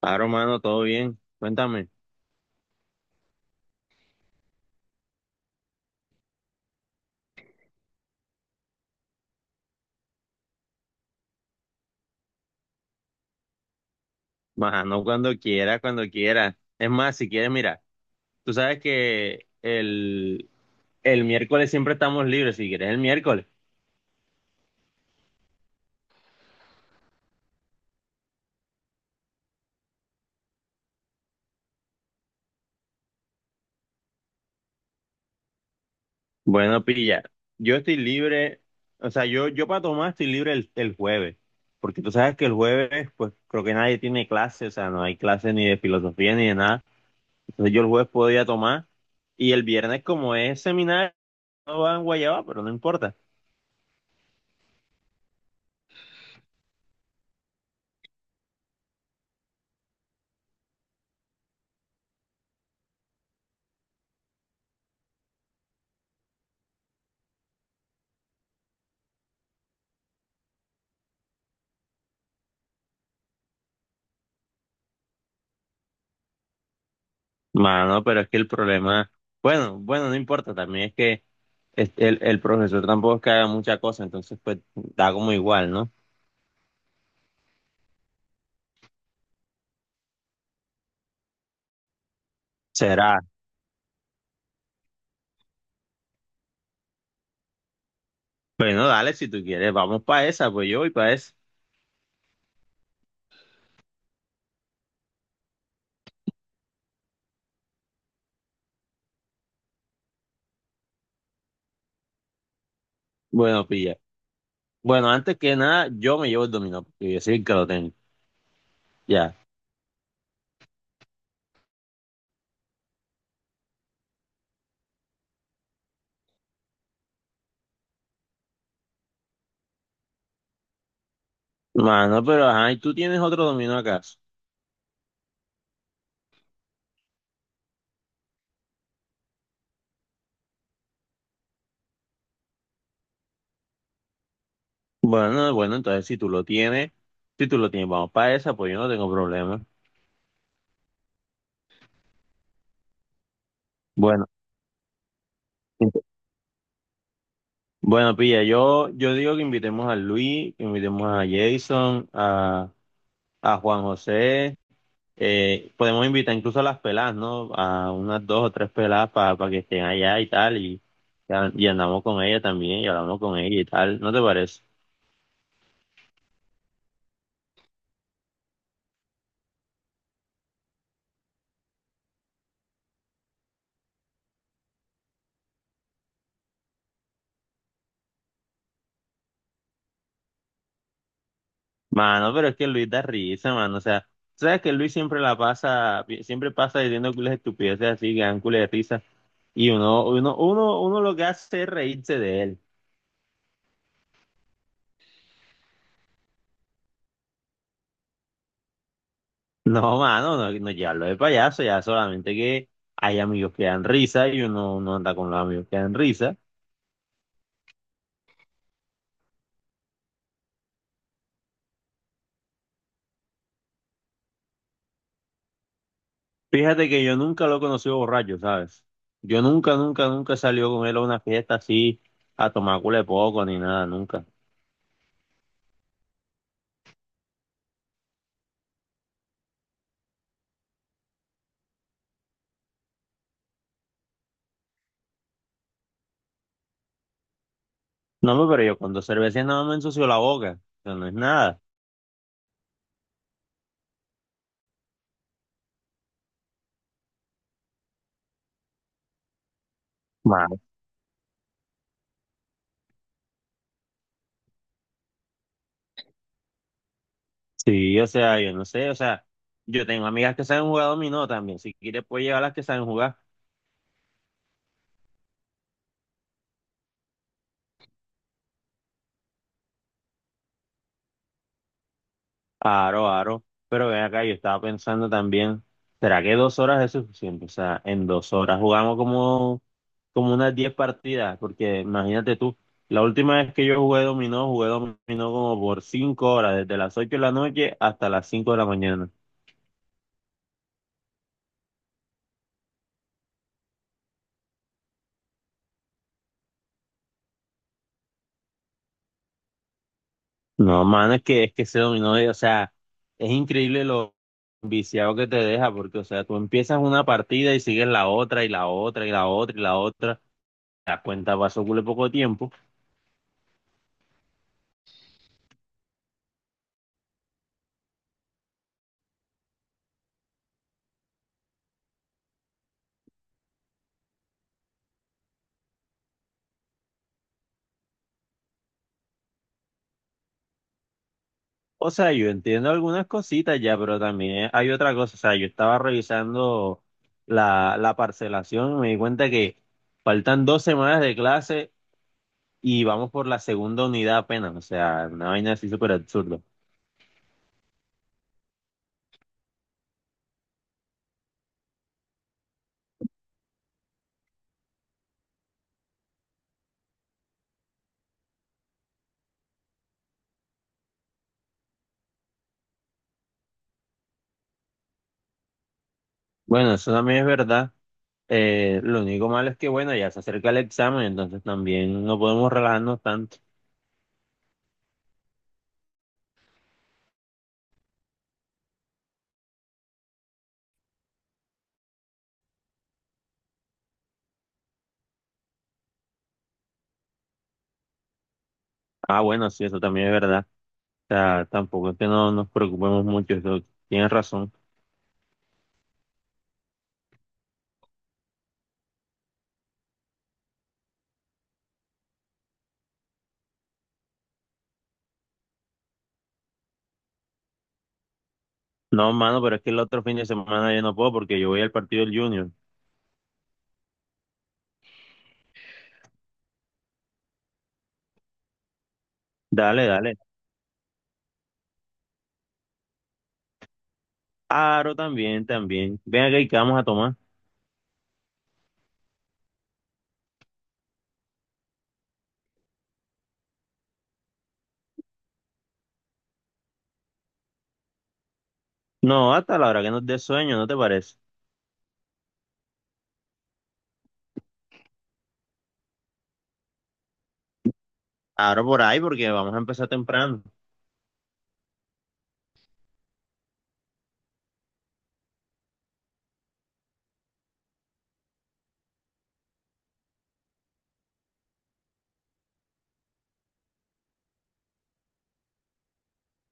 Claro, mano, todo bien. Cuéntame. Maja, no cuando quiera, cuando quiera. Es más, si quieres, mira, tú sabes que el miércoles siempre estamos libres, si quieres el miércoles. Bueno, pilla, yo estoy libre, o sea, yo para tomar estoy libre el jueves, porque tú sabes que el jueves, pues creo que nadie tiene clase, o sea, no hay clase ni de filosofía ni de nada. Entonces yo el jueves podía tomar y el viernes como es seminario, no va en guayaba, pero no importa. Mano, pero es que el problema, bueno, bueno, no importa, también es que el profesor tampoco es que haga mucha cosa, entonces pues da como igual, ¿no? Será. Bueno, dale, si tú quieres, vamos para esa, pues yo voy para esa. Bueno, pilla. Bueno, antes que nada, yo me llevo el dominó, porque yo soy el que lo tengo. Ya. Mano, pero ajá, ¿y tú tienes otro dominó acaso? Bueno, bueno, entonces si tú lo tienes, si tú lo tienes, vamos para esa, pues yo no tengo problema. Bueno. Bueno, pilla, yo digo que invitemos a Luis, que invitemos a Jason, a Juan José. Podemos invitar incluso a las pelas, ¿no? A unas dos o tres pelas para que estén allá y tal. Y andamos con ella también y hablamos con ella y tal. ¿No te parece? Mano, pero es que Luis da risa, mano. O sea, sabes que Luis siempre la pasa, siempre pasa diciendo cules de estupideces así, que dan cules de risa. Y uno lo que hace es reírse de él. No, mano, no, no llevarlo de payaso, ya solamente que hay amigos que dan risa y uno no anda con los amigos que dan risa. Fíjate que yo nunca lo he conocido borracho, ¿sabes? Yo nunca, nunca, nunca salió con él a una fiesta así a tomar culo de poco ni nada, nunca. No, hombre, pero yo con dos cervezas nada más me ensució la boca, eso no es nada. Ma- Sí, o sea, yo no sé, o sea, yo tengo amigas que saben jugar dominó también, si quieres puedes llevar las que saben jugar. Aro, aro. Pero ven acá, yo estaba pensando también, ¿será que 2 horas es suficiente? O sea, en 2 horas jugamos como, como unas 10 partidas, porque imagínate tú, la última vez que yo jugué dominó como por 5 horas, desde las 8 de la noche hasta las 5 de la mañana. No, mano, es que ese dominó, o sea, es increíble lo viciado que te deja, porque, o sea, tú empiezas una partida y sigues la otra y la otra y la otra y la otra, te das cuenta, pasó cule poco tiempo. O sea, yo entiendo algunas cositas ya, pero también hay otra cosa. O sea, yo estaba revisando la parcelación y me di cuenta que faltan 2 semanas de clase y vamos por la segunda unidad apenas. O sea, una vaina así súper absurda. Bueno, eso también es verdad. Lo único malo es que, bueno, ya se acerca el examen, entonces también no podemos relajarnos tanto. Ah, bueno, sí, eso también es verdad. O sea, tampoco es que no nos preocupemos mucho, eso tienes razón. No, mano, pero es que el otro fin de semana yo no puedo porque yo voy al partido del Junior. Dale, dale. Aro también, también. Ven acá y qué vamos a tomar. No, hasta la hora que nos dé sueño, ¿no te parece? Aro por ahí porque vamos a empezar temprano.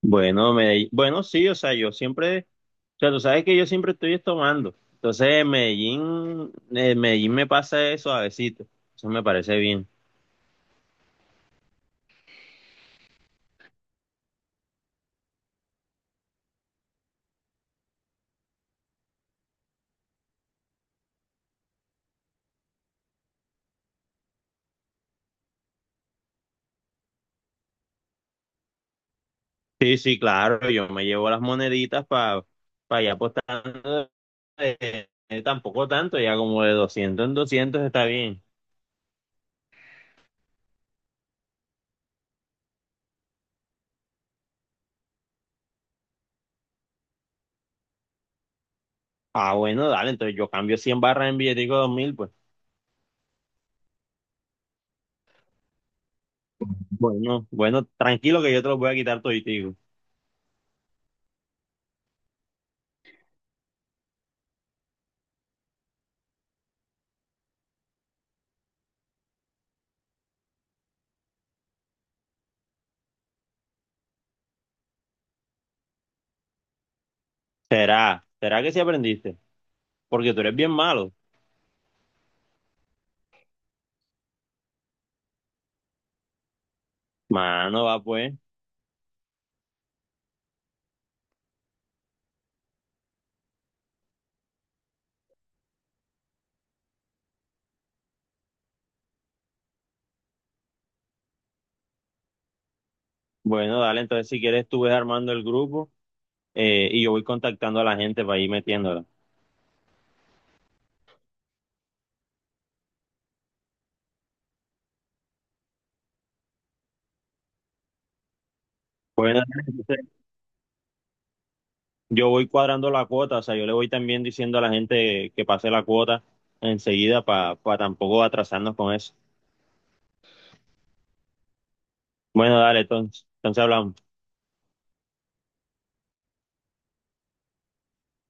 Bueno, Medellín. Bueno, sí, o sea, yo siempre, o sea, tú sabes que yo siempre estoy tomando. Entonces, Medellín, Medellín me pasa eso suavecito. Eso me parece bien. Sí, sí, claro, yo me llevo las moneditas para allá apostando tampoco tanto, ya como de 200 en 200 está bien. Ah, bueno, dale, entonces yo cambio 100 barras en billetico de 2.000 pues bueno, bueno, tranquilo que yo te los voy a quitar toditico. ¿Será? ¿Será que sí aprendiste? Porque tú eres bien malo. Mano, va pues. Bueno, dale, entonces si quieres tú ves armando el grupo y yo voy contactando a la gente para ir metiéndola. Bueno, dale, entonces, yo voy cuadrando la cuota, o sea, yo le voy también diciendo a la gente que pase la cuota enseguida para tampoco atrasarnos con eso. Bueno, dale, entonces, hablamos.